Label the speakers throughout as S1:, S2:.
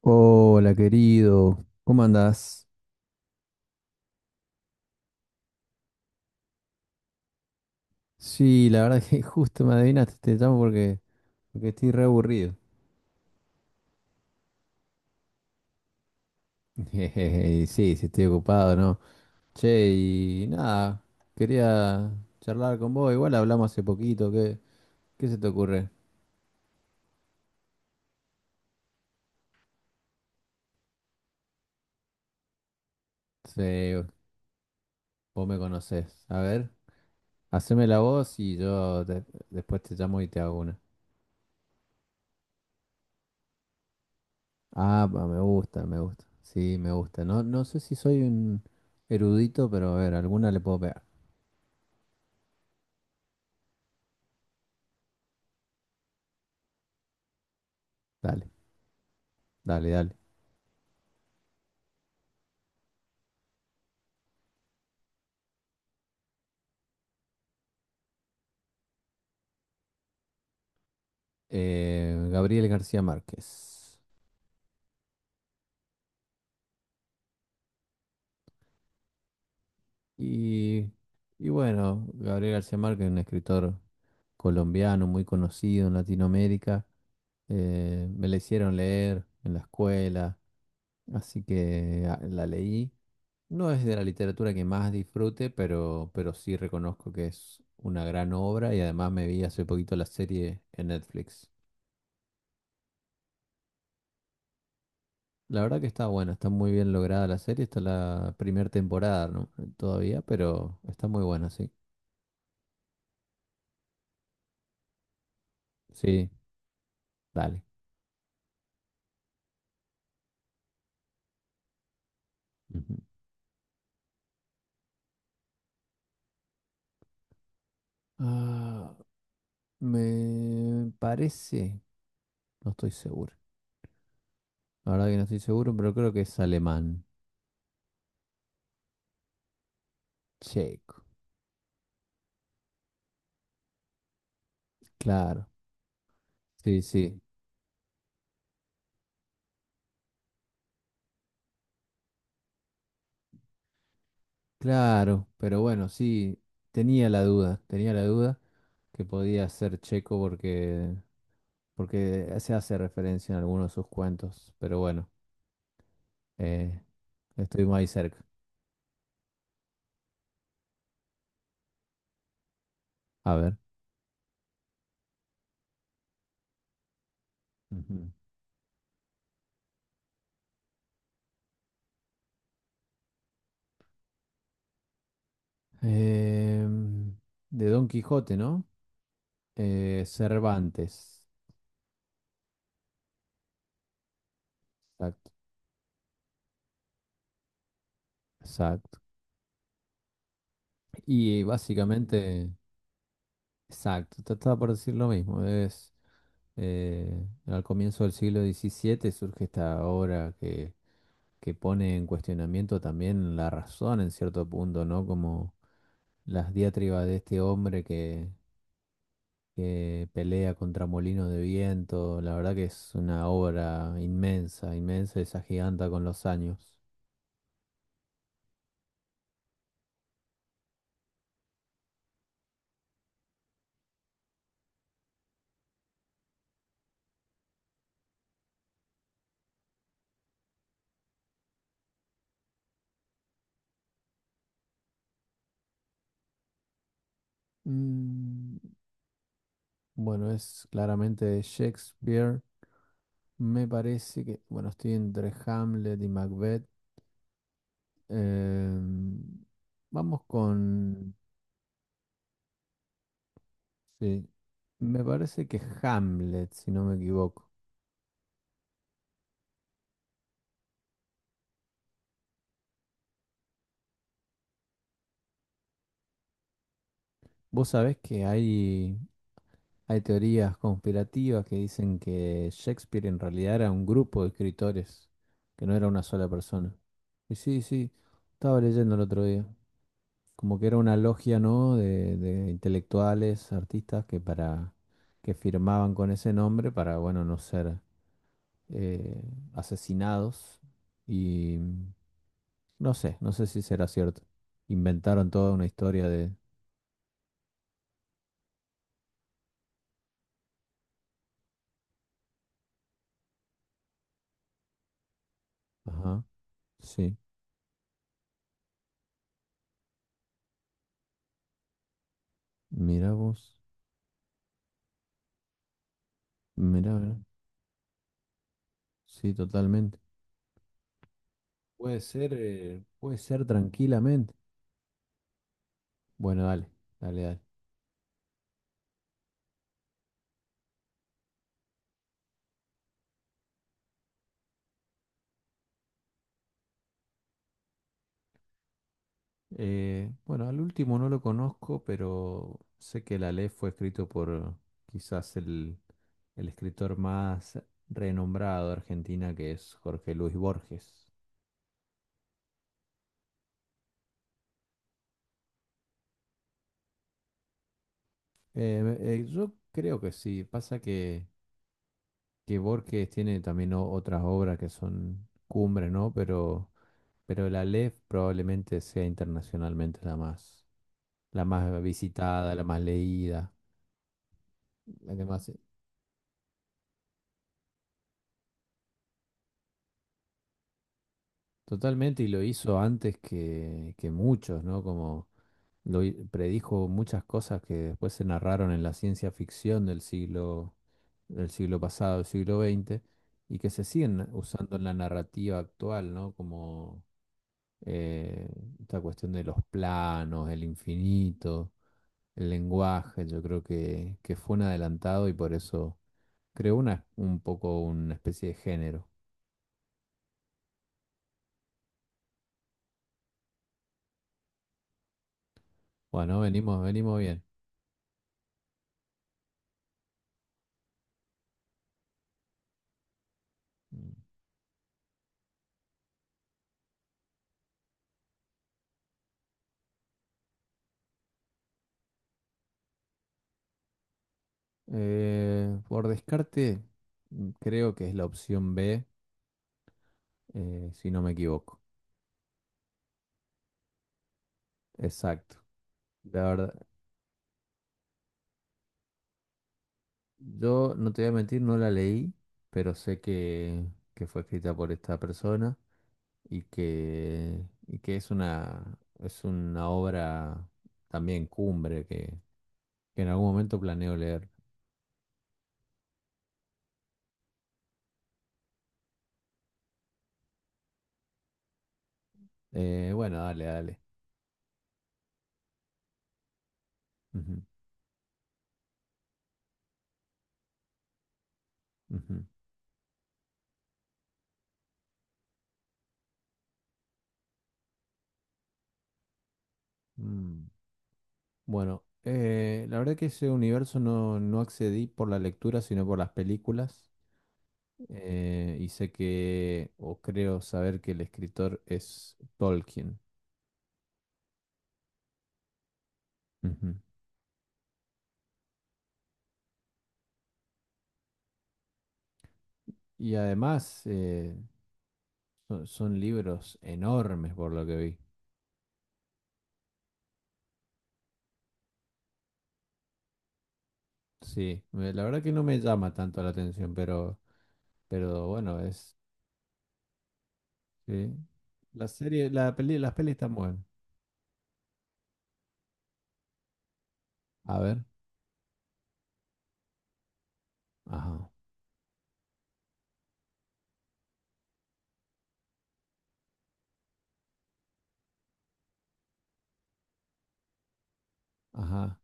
S1: Hola, querido. ¿Cómo andás? Sí, la verdad que justo me adivinaste, te llamo porque estoy re aburrido. Jejeje, sí, sí, estoy ocupado, ¿no? Che, y nada, quería charlar con vos. Igual hablamos hace poquito, ¿qué se te ocurre? Sí, vos me conocés. A ver, haceme la voz y después te llamo y te hago una. Ah, pa, me gusta, me gusta. Sí, me gusta. No, no sé si soy un erudito, pero a ver, alguna le puedo pegar. Dale, dale, dale. Gabriel García Márquez. Y, y bueno, Gabriel García Márquez, un escritor colombiano muy conocido en Latinoamérica, me la hicieron leer en la escuela, así que la leí. No es de la literatura que más disfrute, pero sí reconozco que es una gran obra y además me vi hace poquito la serie en Netflix. La verdad que está buena, está muy bien lograda la serie, está la primera temporada, ¿no? Todavía, pero está muy buena, sí. Sí, dale. Ujú. Ah, me parece, no estoy seguro. La verdad que no estoy seguro, pero creo que es alemán. Checo. Claro. Sí, sí. Claro, pero bueno, sí, tenía la duda que podía ser checo porque se hace referencia en algunos de sus cuentos, pero bueno, eh, estuvimos ahí cerca. A ver. Ujú. Em, de Don Quijote, ¿no? Cervantes. Exacto, exacto. Y básicamente, exacto, trataba por decir lo mismo. Es eh, Al comienzo del siglo XVII surge esta obra que pone en cuestionamiento también la razón en cierto punto, ¿no? Como las diatribas de este hombre que pelea contra molinos de viento. La verdad que es una obra inmensa, inmensa y se agiganta con los años. Mm, Bueno, es claramente de Shakespeare. Me parece que, bueno, estoy entre Hamlet y Macbeth. Em, vamos con, sí, me parece que Hamlet, si no me equivoco. Vos sabés que hay teorías conspirativas que dicen que Shakespeare en realidad era un grupo de escritores, que no era una sola persona. Y sí, sí, estaba leyendo el otro día. Como que era una logia, ¿no? De intelectuales, artistas que firmaban con ese nombre para, bueno, no ser eh, asesinados. Y no sé, no sé si será cierto. Inventaron toda una historia de. Ajá, sí. Mira vos, mira, mira. Sí, totalmente. Puede ser tranquilamente. Bueno, dale, dale, dale. Bueno, al último no lo conozco, pero sé que la ley fue escrito por quizás el escritor más renombrado de Argentina, que es Jorge Luis Borges. Yo creo que sí. Pasa que Borges tiene también otras obras que son cumbres, ¿no? Pero la Aleph probablemente sea internacionalmente la más visitada, la más leída, la que más. Totalmente, y lo hizo antes que muchos, ¿no? Como predijo muchas cosas que después se narraron en la ciencia ficción del siglo pasado, del siglo XX y que se siguen usando en la narrativa actual, ¿no? Como eh, esta cuestión de los planos, el infinito, el lenguaje, yo creo que fue un adelantado y por eso creó un poco una especie de género. Bueno, venimos, venimos bien. Por descarte, creo que es la opción B, si no me equivoco. Exacto. La verdad, yo no te voy a mentir, no la leí, pero sé que fue escrita por esta persona. Y que es una obra también cumbre que en algún momento planeo leer. Bueno, dale, dale. Ujú, ujú. Mm. Bueno, la verdad que ese universo no accedí por la lectura, sino por las películas. Y sé que, o creo saber que el escritor es Tolkien. Ujú. Y además, son libros enormes por lo que vi. Sí, la verdad que no me llama tanto la atención, pero bueno, es sí. La serie, la peli, las pelis están buenas. A ver, ajá, ajá.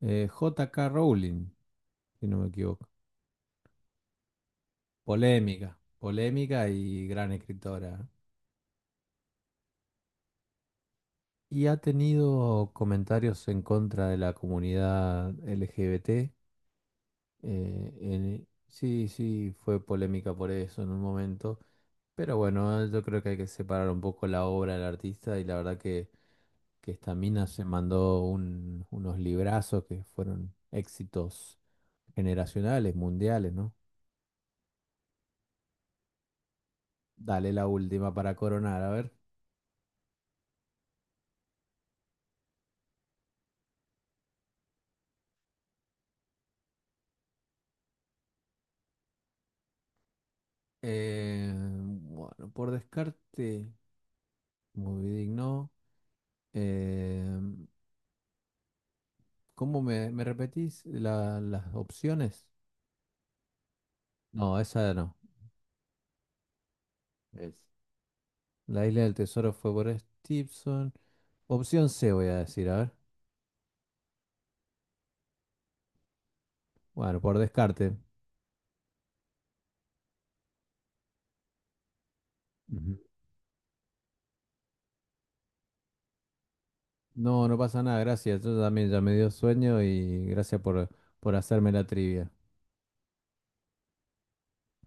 S1: J.K. Rowling, si no me equivoco. Polémica, polémica y gran escritora. Y ha tenido comentarios en contra de la comunidad LGBT. Sí, sí, fue polémica por eso en un momento, pero bueno, yo creo que hay que separar un poco la obra del artista y la verdad que esta mina se mandó unos librazos que fueron éxitos generacionales, mundiales, ¿no? Dale la última para coronar, a ver. Bueno, por descarte, muy digno. Eh, ¿Cómo me repetís las opciones? No, esa no. Es. La isla del tesoro fue por Stevenson. Opción C voy a decir, a ver. Bueno, por descarte. Ujú. No, no pasa nada, gracias. Yo también ya me dio sueño y gracias por hacerme la trivia.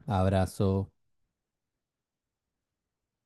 S1: Abrazo.